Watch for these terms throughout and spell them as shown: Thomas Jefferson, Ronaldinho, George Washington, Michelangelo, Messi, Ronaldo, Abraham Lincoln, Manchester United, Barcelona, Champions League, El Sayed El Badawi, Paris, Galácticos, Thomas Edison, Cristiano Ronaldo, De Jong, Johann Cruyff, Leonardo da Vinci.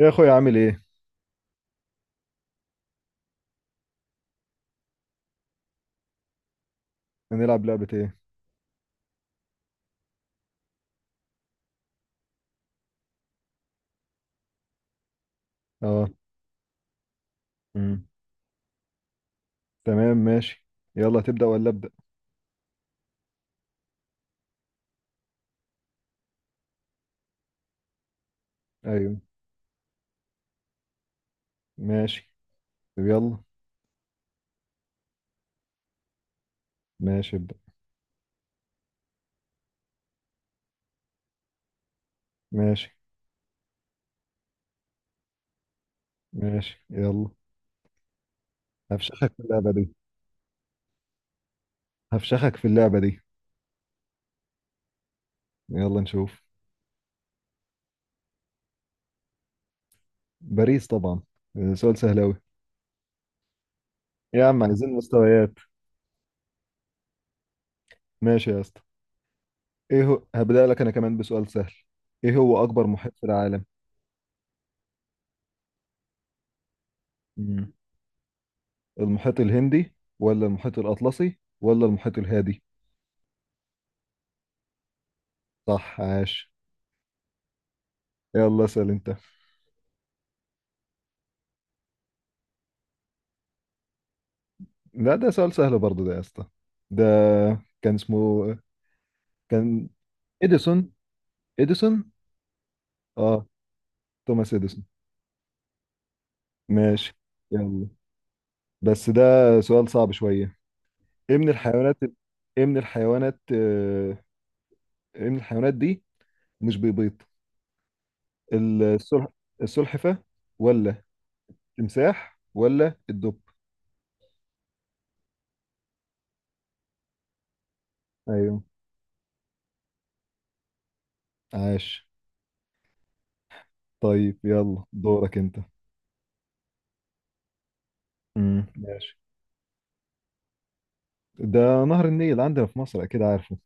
إيه يا اخويا؟ عامل ايه؟ هنلعب لعبة ايه؟ اه. امم تمام، ماشي. يلا، تبدأ ولا أبدأ؟ ايوه، ماشي. طب يلا. ماشي، ابدأ. ماشي، ماشي، يلا. هفشخك في اللعبة دي. هفشخك في اللعبة دي. يلا نشوف. باريس طبعا. سؤال سهل اوي. يا عم عايزين مستويات. ماشي يا اسطى. ايه هو؟ هبدأ لك انا كمان بسؤال سهل. ايه هو اكبر محيط في العالم؟ امم المحيط الهندي ولا المحيط الأطلسي ولا المحيط الهادي؟ صح، عاش. يلا اسأل انت. لا، ده سؤال سهل برضه ده يا اسطى. ده كان اسمه كان اديسون. اديسون، اه. توماس اديسون. ماشي، يلا. بس ده سؤال صعب شوية. ايه من الحيوانات ايه من الحيوانات آه، ايه من الحيوانات دي مش بيبيض؟ السلح... السلحفة ولا التمساح ولا الدب؟ ايوه، عاش. طيب يلا دورك انت. ماشي. ده نهر النيل، عندنا في مصر، اكيد عارفه.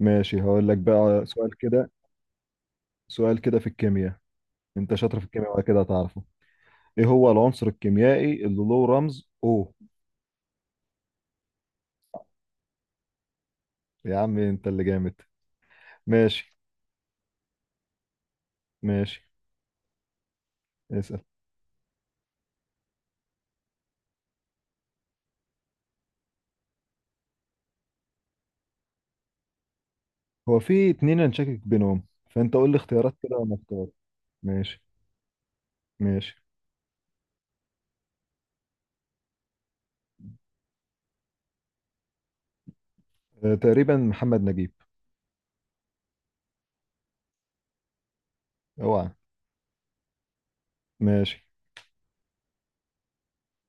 ماشي، هقول لك بقى سؤال كده. سؤال كده في الكيمياء. انت شاطر في الكيمياء ولا كده هتعرفه؟ ايه هو العنصر الكيميائي اللي له رمز O؟ يا عم انت اللي جامد. ماشي. ماشي، اسأل. هو في اتنين انا شاكك بينهم، فانت قول لي اختيارات كده وانا اختار. ماشي. ماشي. اه، تقريبا محمد نجيب. اوعى. ماشي.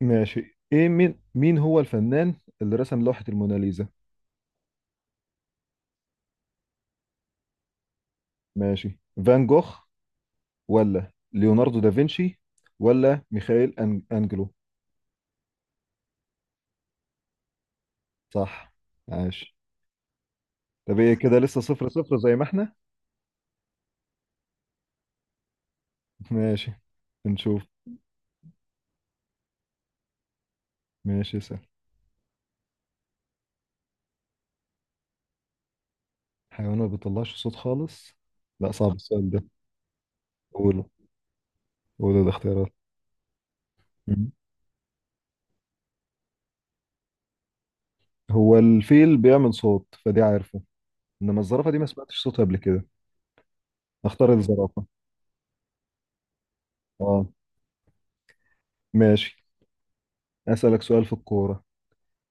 ماشي. ايه؟ مين هو الفنان اللي رسم لوحة الموناليزا؟ ماشي. فان جوخ ولا ليوناردو دافنشي ولا ميخائيل انجلو؟ صح، عاش. طب ايه كده؟ لسه صفر صفر زي ما احنا. ماشي، نشوف. ماشي، سهل. حيوان ما بيطلعش صوت خالص؟ لا، صعب السؤال ده. قوله، الاختيارات. مم. هو الفيل بيعمل صوت فدي عارفه، انما الزرافة دي ما سمعتش صوتها قبل كده. اختار الزرافة. اه، ماشي. اسألك سؤال في الكورة.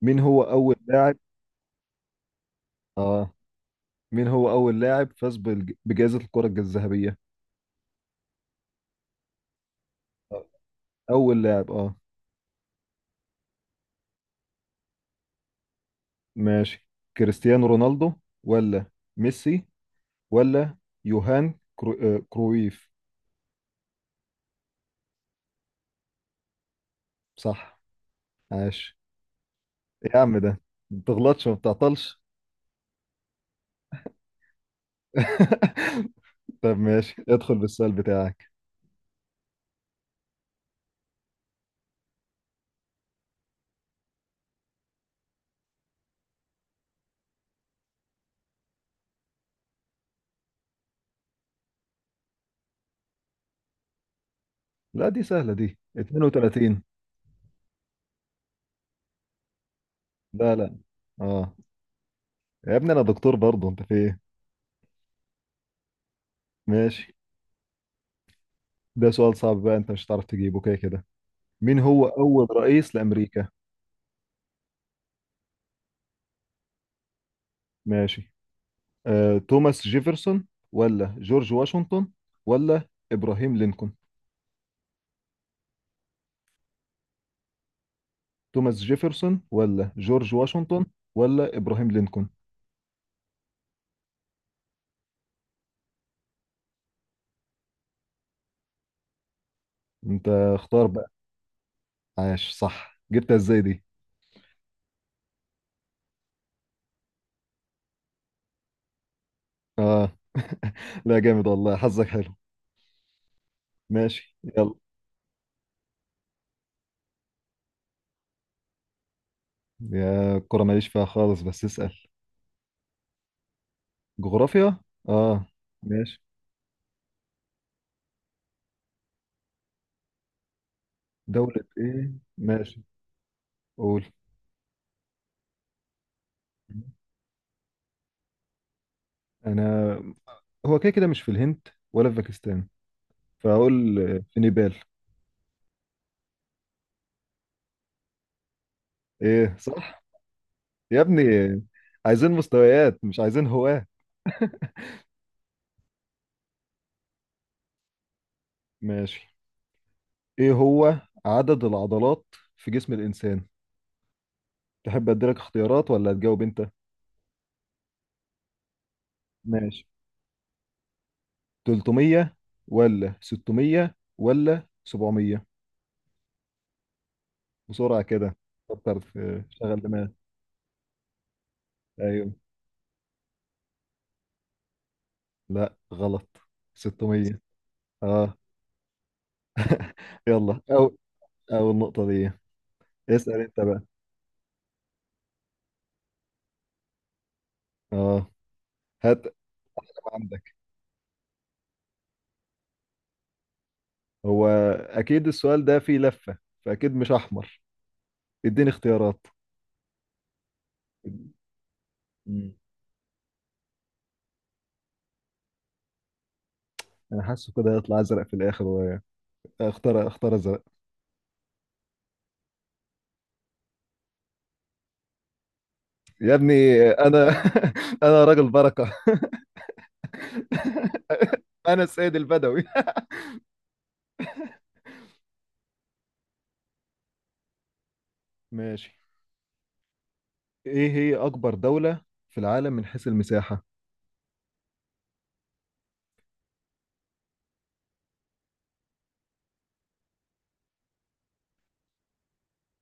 مين هو اول لاعب؟ اه. مين هو اول لاعب فاز بجائزة الكرة الذهبية؟ آه، اول لاعب. اه، ماشي. كريستيانو رونالدو ولا ميسي ولا يوهان كرويف؟ صح، عاش. إيه يا عم ده ما بتغلطش وما بتعطلش! طب ماشي، ادخل بالسؤال بتاعك. لا، دي سهلة دي، 32. لا لا، اه. يا ابني انا دكتور برضه، انت في ايه؟ ماشي. ده سؤال صعب بقى، انت مش هتعرف تجيبه كده كده. مين هو اول رئيس لامريكا؟ ماشي. توماس جيفرسون ولا جورج واشنطن ولا ابراهيم لينكولن؟ توماس جيفرسون ولا جورج واشنطن ولا ابراهيم لينكولن. انت، اختار بقى. عاش، صح. جبتها ازاي دي؟ اه. لا جامد والله، حظك حلو. ماشي، يلا. يا الكرة ماليش فيها خالص، بس اسأل. جغرافيا. اه، ماشي. دولة ايه؟ ماشي، قول. انا هو كده كده مش في الهند ولا في باكستان، فاقول في نيبال. ايه؟ صح. يا ابني، عايزين مستويات مش عايزين هواة. ماشي. ايه هو عدد العضلات في جسم الانسان؟ تحب اديلك اختيارات ولا تجاوب انت؟ ماشي. 300 ولا 600 ولا 700؟ بسرعة كده، فكر في شغل دماغك. ايوه. لا، غلط. 600. اه. يلا اول نقطة دي. اسأل انت بقى. اه، هات. عندك؟ هو اكيد السؤال ده فيه لفة، فاكيد مش احمر. اديني اختيارات. مم. انا حاسه كده هيطلع ازرق في الاخر. اختار ازرق. يا ابني. انا انا راجل بركة. انا السيد البدوي. ماشي. ايه هي اكبر دولة في العالم من حيث المساحة؟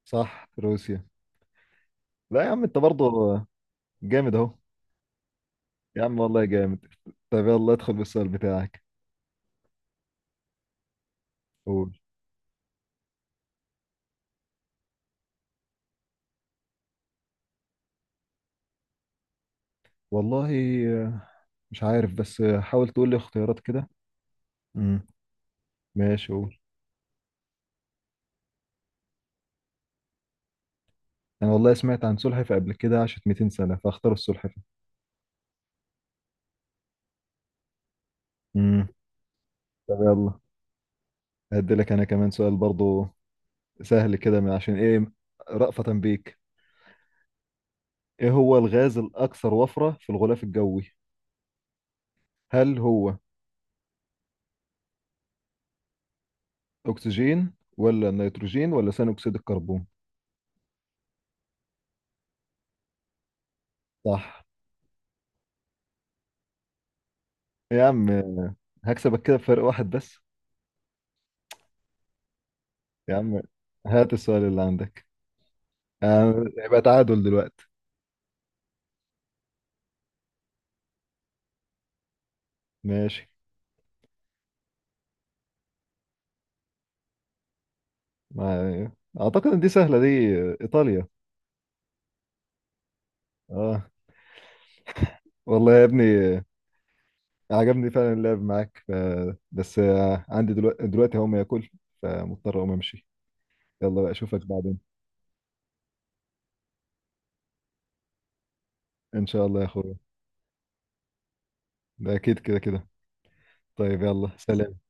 صح، روسيا. لا يا عم، انت برضه جامد اهو. يا عم والله جامد. طب يلا، ادخل بالسؤال بتاعك. قول. والله مش عارف، بس حاول تقول لي اختيارات كده. امم ماشي، قول. انا والله سمعت عن سلحفة قبل كده عاشت 200 سنة، فاختار السلحفة. امم طب يلا. هدي لك انا كمان سؤال برضه سهل كده، من عشان ايه؟ رأفة بيك. ايه هو الغاز الاكثر وفرة في الغلاف الجوي؟ هل هو اكسجين ولا نيتروجين ولا ثاني اكسيد الكربون؟ صح. يا عم، هكسبك كده بفرق واحد بس. يا عم هات السؤال اللي عندك. يبقى تعادل دلوقتي. ماشي. ما- اعتقد ان دي سهلة دي، ايطاليا. اه. والله يا ابني، عجبني فعلا اللعب معاك. بس عندي دلوقتي، هقوم اكل، فمضطر اقوم امشي. يلا بقى، اشوفك بعدين. ان شاء الله يا اخويا. ده اكيد كده كده. طيب يلا، سلام.